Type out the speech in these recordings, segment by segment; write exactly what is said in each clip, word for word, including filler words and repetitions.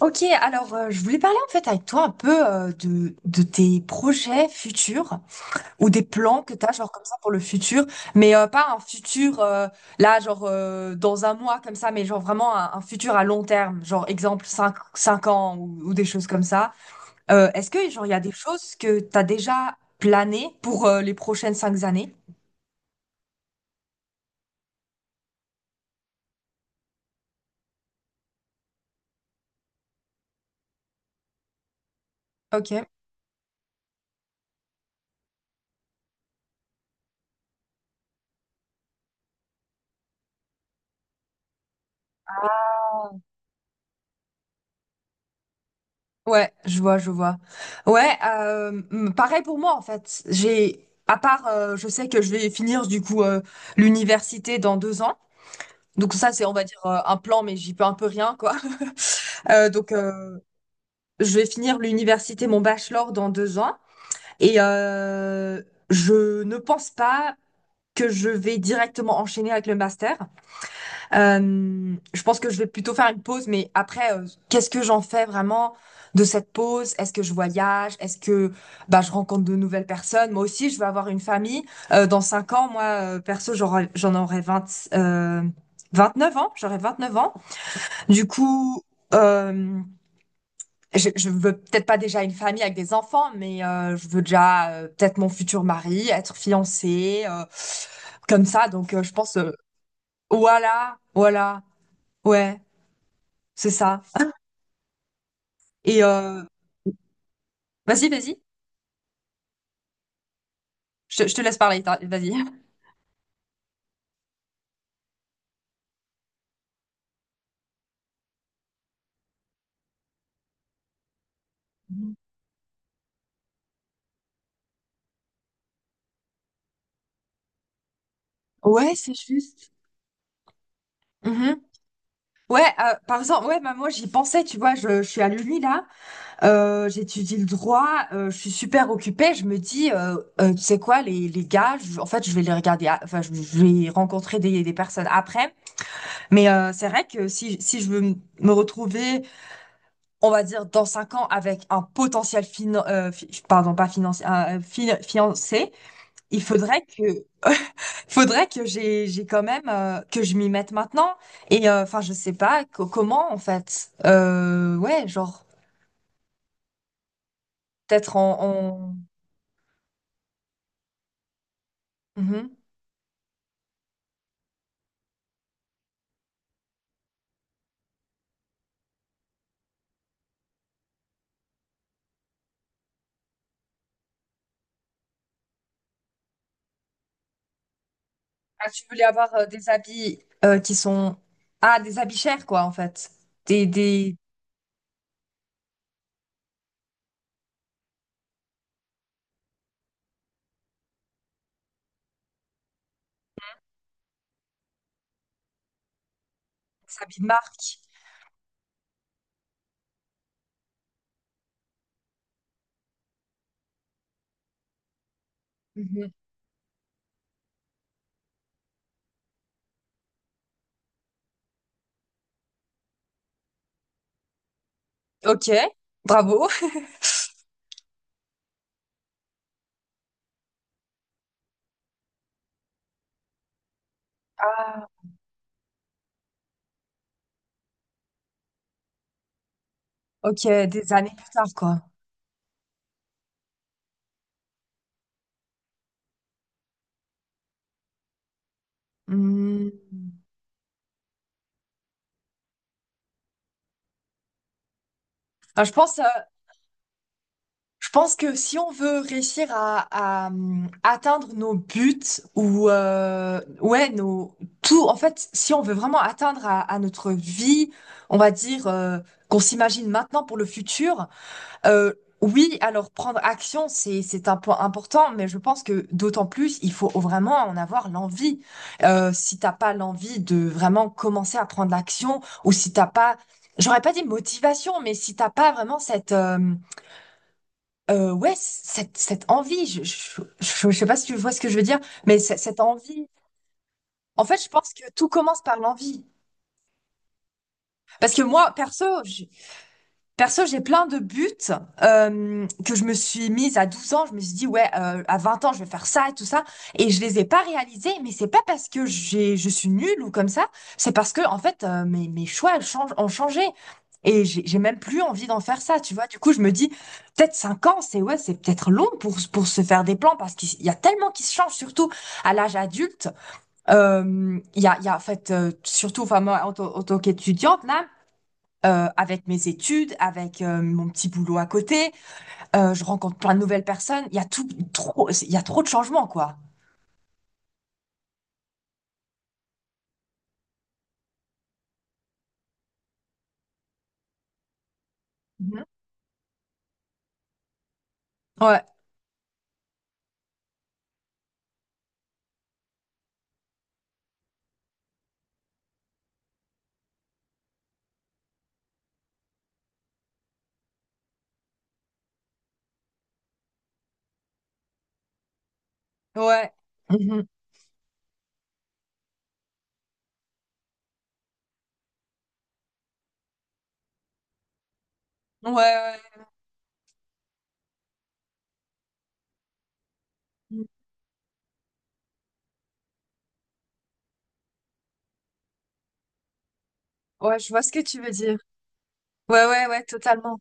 Ok, alors euh, je voulais parler en fait avec toi un peu euh, de, de tes projets futurs ou des plans que tu as genre comme ça pour le futur, mais euh, pas un futur euh, là genre euh, dans un mois comme ça, mais genre vraiment un, un futur à long terme, genre exemple cinq cinq ans ou, ou des choses comme ça. Euh, est-ce que genre il y a des choses que tu as déjà planées pour euh, les prochaines cinq années? Ok. Ouais, je vois, je vois. Ouais, euh, m- pareil pour moi en fait. J'ai, à part, euh, je sais que je vais finir du coup euh, l'université dans deux ans. Donc ça, c'est on va dire euh, un plan, mais j'y peux un peu rien quoi. Euh, donc euh, je vais finir l'université, mon bachelor dans deux ans, et euh, je ne pense pas que je vais directement enchaîner avec le master. Euh, je pense que je vais plutôt faire une pause, mais après, euh, qu'est-ce que j'en fais vraiment de cette pause? Est-ce que je voyage? Est-ce que bah, je rencontre de nouvelles personnes? Moi aussi, je veux avoir une famille. Euh, dans cinq ans, moi, euh, perso, j'aurai- j'en aurai vingt, euh, neuf ans. J'aurai vingt-neuf ans. Du coup, euh, je, je veux peut-être pas déjà une famille avec des enfants, mais euh, je veux déjà euh, peut-être mon futur mari, être fiancée, euh, comme ça. Donc, euh, je pense, euh, voilà, voilà, ouais. C'est ça. Et heu vas-y, vas-y, je te je te laisse parler, tu vas-y. Ouais, c'est juste. Mmh. Ouais, heu, par exemple, ouais, bah, moi, j'y pensais, tu vois? Je je suis à l'Uni, là, heu, j'étudie le droit, heu, je suis super occupée. Je me dis, heu heu: «Tu sais quoi? Les les gars, je en fait, je vais les regarder a enfin, je je vais rencontrer des des personnes après». Mais heu, c'est vrai que si si je veux m me retrouver, on va dire, dans cinq ans avec un potentiel finan heu, fi pardon, pas financier, un, heu, fi fiancé, il faudrait que Faudrait que j'ai j'ai quand même euh, que je m'y mette maintenant et euh, enfin je sais pas co- comment en fait euh, ouais genre peut-être en, en- Mhm. Ah, tu voulais avoir euh, des habits euh, qui sont ah des habits chers quoi en fait des des, des habits de marque. Mhm. Ok, bravo. Ah, ok. Des années plus tard quoi. Hmm. Ah, je pense euh, Je pense que si on veut réussir à, à, hum, atteindre nos buts ou euh, ouais nos tout en fait si on veut vraiment atteindre à, à notre vie on va dire euh, qu'on s'imagine maintenant pour le futur euh, oui alors prendre action c'est c'est un point important mais je pense que d'autant plus il faut vraiment en avoir l'envie. Euh, si t'as pas l'envie de vraiment commencer à prendre l'action ou si t'as pas j'aurais pas dit motivation mais si t'as pas vraiment cette euh, euh, ouais, cette, cette envie, je, je, je, je sais pas si tu vois ce que je veux dire, mais c- cette envie, en fait, je pense que tout commence par l'envie. Parce que moi, perso, je, perso, j'ai plein de buts euh, que je me suis mise à douze ans. Je me suis dit, ouais, euh, à vingt ans, je vais faire ça et tout ça. Et je les ai pas réalisés, mais c'est pas parce que j'ai, je suis nulle ou comme ça. C'est parce que, en fait, euh, mes, mes choix elles changent, ont changé. Et j'ai j'ai même plus envie d'en faire ça, tu vois. Du coup, je me dis, peut-être cinq ans, c'est ouais, c'est peut-être long pour, pour se faire des plans parce qu'il y a tellement qui se change, surtout à l'âge adulte. Euh, Il y a, il y a, en fait, euh, surtout, enfin, moi, en tant en tant qu'étudiante, là, euh, avec mes études, avec euh, mon petit boulot à côté. Euh, je rencontre plein de nouvelles personnes. Il y a tout, trop, il y a trop de changements, quoi. Mhm. Ouais, ouais. Mhm. Ouais, ouais. Mm. Ouais, je vois ce que tu veux dire. Ouais, ouais, ouais, totalement.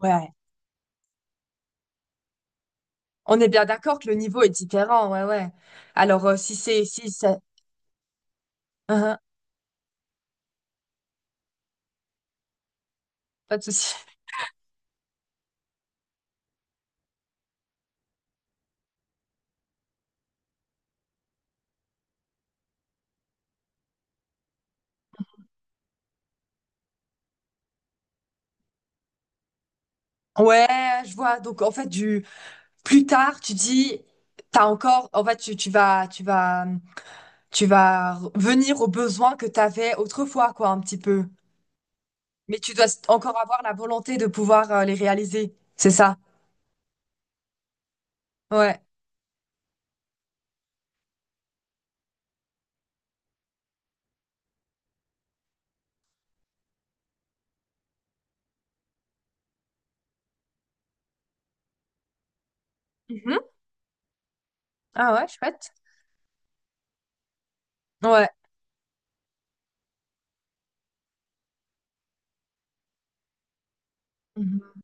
Ouais. On est bien d'accord que le niveau est différent, ouais, ouais. Alors, euh, si c'est, si c'est, Uhum, pas de souci. Ouais, je vois. Donc, en fait, du plus tard, tu dis, t'as encore, en fait, tu, tu vas, tu vas Tu vas re- venir aux besoins que tu avais autrefois, quoi, un petit peu. Mais tu dois s- encore avoir la volonté de pouvoir euh, les réaliser. C'est ça. Ouais. Mhm. Ah ouais, chouette. Ouais. Mhm.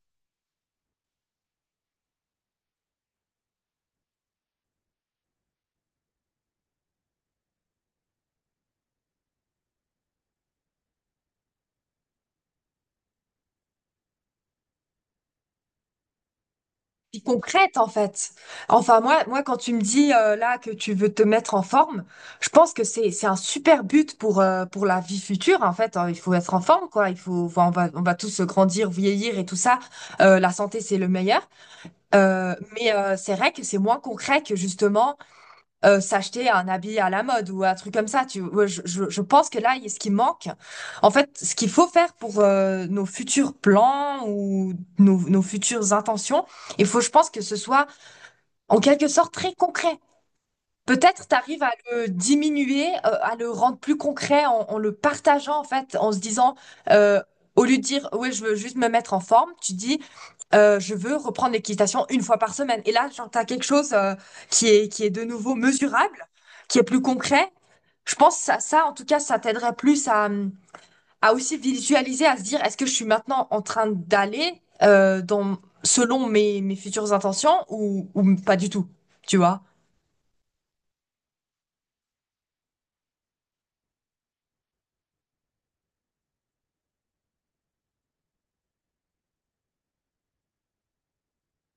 Puis concrète, en fait. Enfin, moi, moi, quand tu me dis euh, là que tu veux te mettre en forme, je pense que c'est c'est un super but pour euh, pour la vie future, en fait. Hein. Il faut être en forme, quoi. Il faut, enfin, on va on va tous grandir, vieillir et tout ça. Euh, la santé, c'est le meilleur. Euh, mais euh, c'est vrai que c'est moins concret que justement. Euh, s'acheter un habit à la mode ou un truc comme ça. Tu, ouais, je, je, je pense que là, il- ce qui manque, en fait, ce qu'il faut faire pour euh, nos futurs plans ou nos, nos futures intentions, il faut, je pense, que ce soit en quelque sorte très concret. Peut-être t'arrives à le diminuer, euh, à le rendre plus concret en, en le partageant en fait, en se disant, euh, au lieu de dire, ouais, je veux juste me mettre en forme, tu dis, euh, je veux reprendre l'équitation une fois par semaine. Et là, genre, t'as quelque chose euh, qui est, qui est de nouveau mesurable, qui est plus concret. Je pense que ça, ça, en tout cas, ça t'aiderait plus à, à aussi visualiser, à se dire, est-ce que je suis maintenant en train d'aller euh, dans, selon mes, mes futures intentions ou, ou pas du tout, tu vois?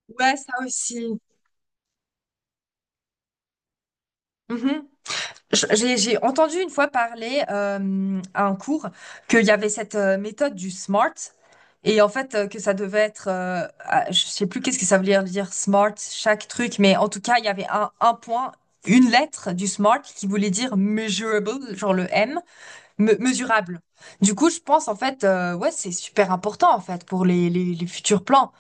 Ouais, ça aussi. Mhm. Je- J'ai j'ai entendu une fois parler euh, à un cours qu'il y avait cette euh, méthode du SMART et en fait euh, que ça devait être, euh, ah, je sais plus qu'est-ce que ça veut dire, dire, SMART, chaque truc, mais en tout cas il y avait un, un point, une lettre du SMART qui voulait dire measurable, genre le M, me- mesurable. Du coup je pense en fait, euh, ouais c'est super important en fait pour les, les les futurs plans.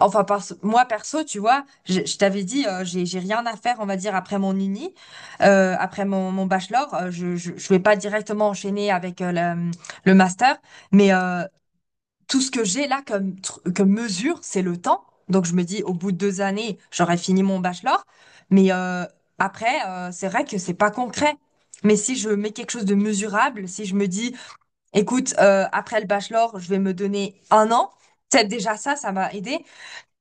Enfin, parce, moi perso, tu vois, je, je t'avais dit, euh, j'ai, j'ai rien à faire, on va dire, après mon uni, euh, après mon, mon bachelor. euh, je, je, je vais pas directement enchaîner avec euh, la- le master, mais euh, tout ce que j'ai là comme, tr- comme mesure, c'est le temps. Donc, je me dis, au bout de deux années, j'aurai fini mon bachelor. Mais euh, après, euh, c'est vrai que c'est pas concret. Mais si je mets quelque chose de mesurable, si je me dis, écoute, euh, après le bachelor, je vais me donner un an. Peut-être déjà ça, ça m'a aidé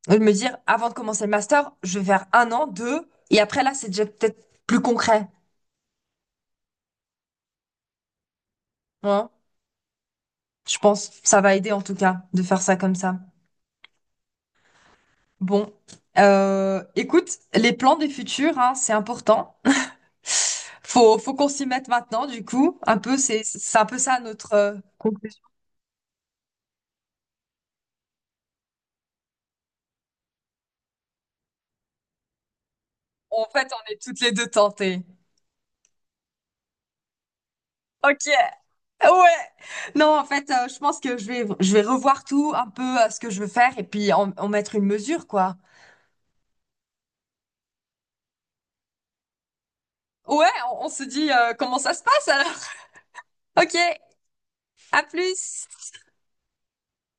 de me dire, avant de commencer le master, je vais faire un an, deux, et après là, c'est déjà peut-être plus concret. Hein. Je pense, ça va aider en tout cas de faire ça comme ça. Bon, Euh, écoute, les plans du futur, hein, c'est important. Faut, faut qu'on s'y mette maintenant, du coup. Un peu, c'est, c'est un peu ça notre euh, conclusion. En fait, on est toutes les deux tentées. Ok, ouais. Non, en fait, euh, je pense que je vais, je vais revoir tout, un peu euh, ce que je veux faire, et puis en, en mettre une mesure, quoi. Ouais, on, on se dit euh, comment ça se passe alors. Ok, à plus.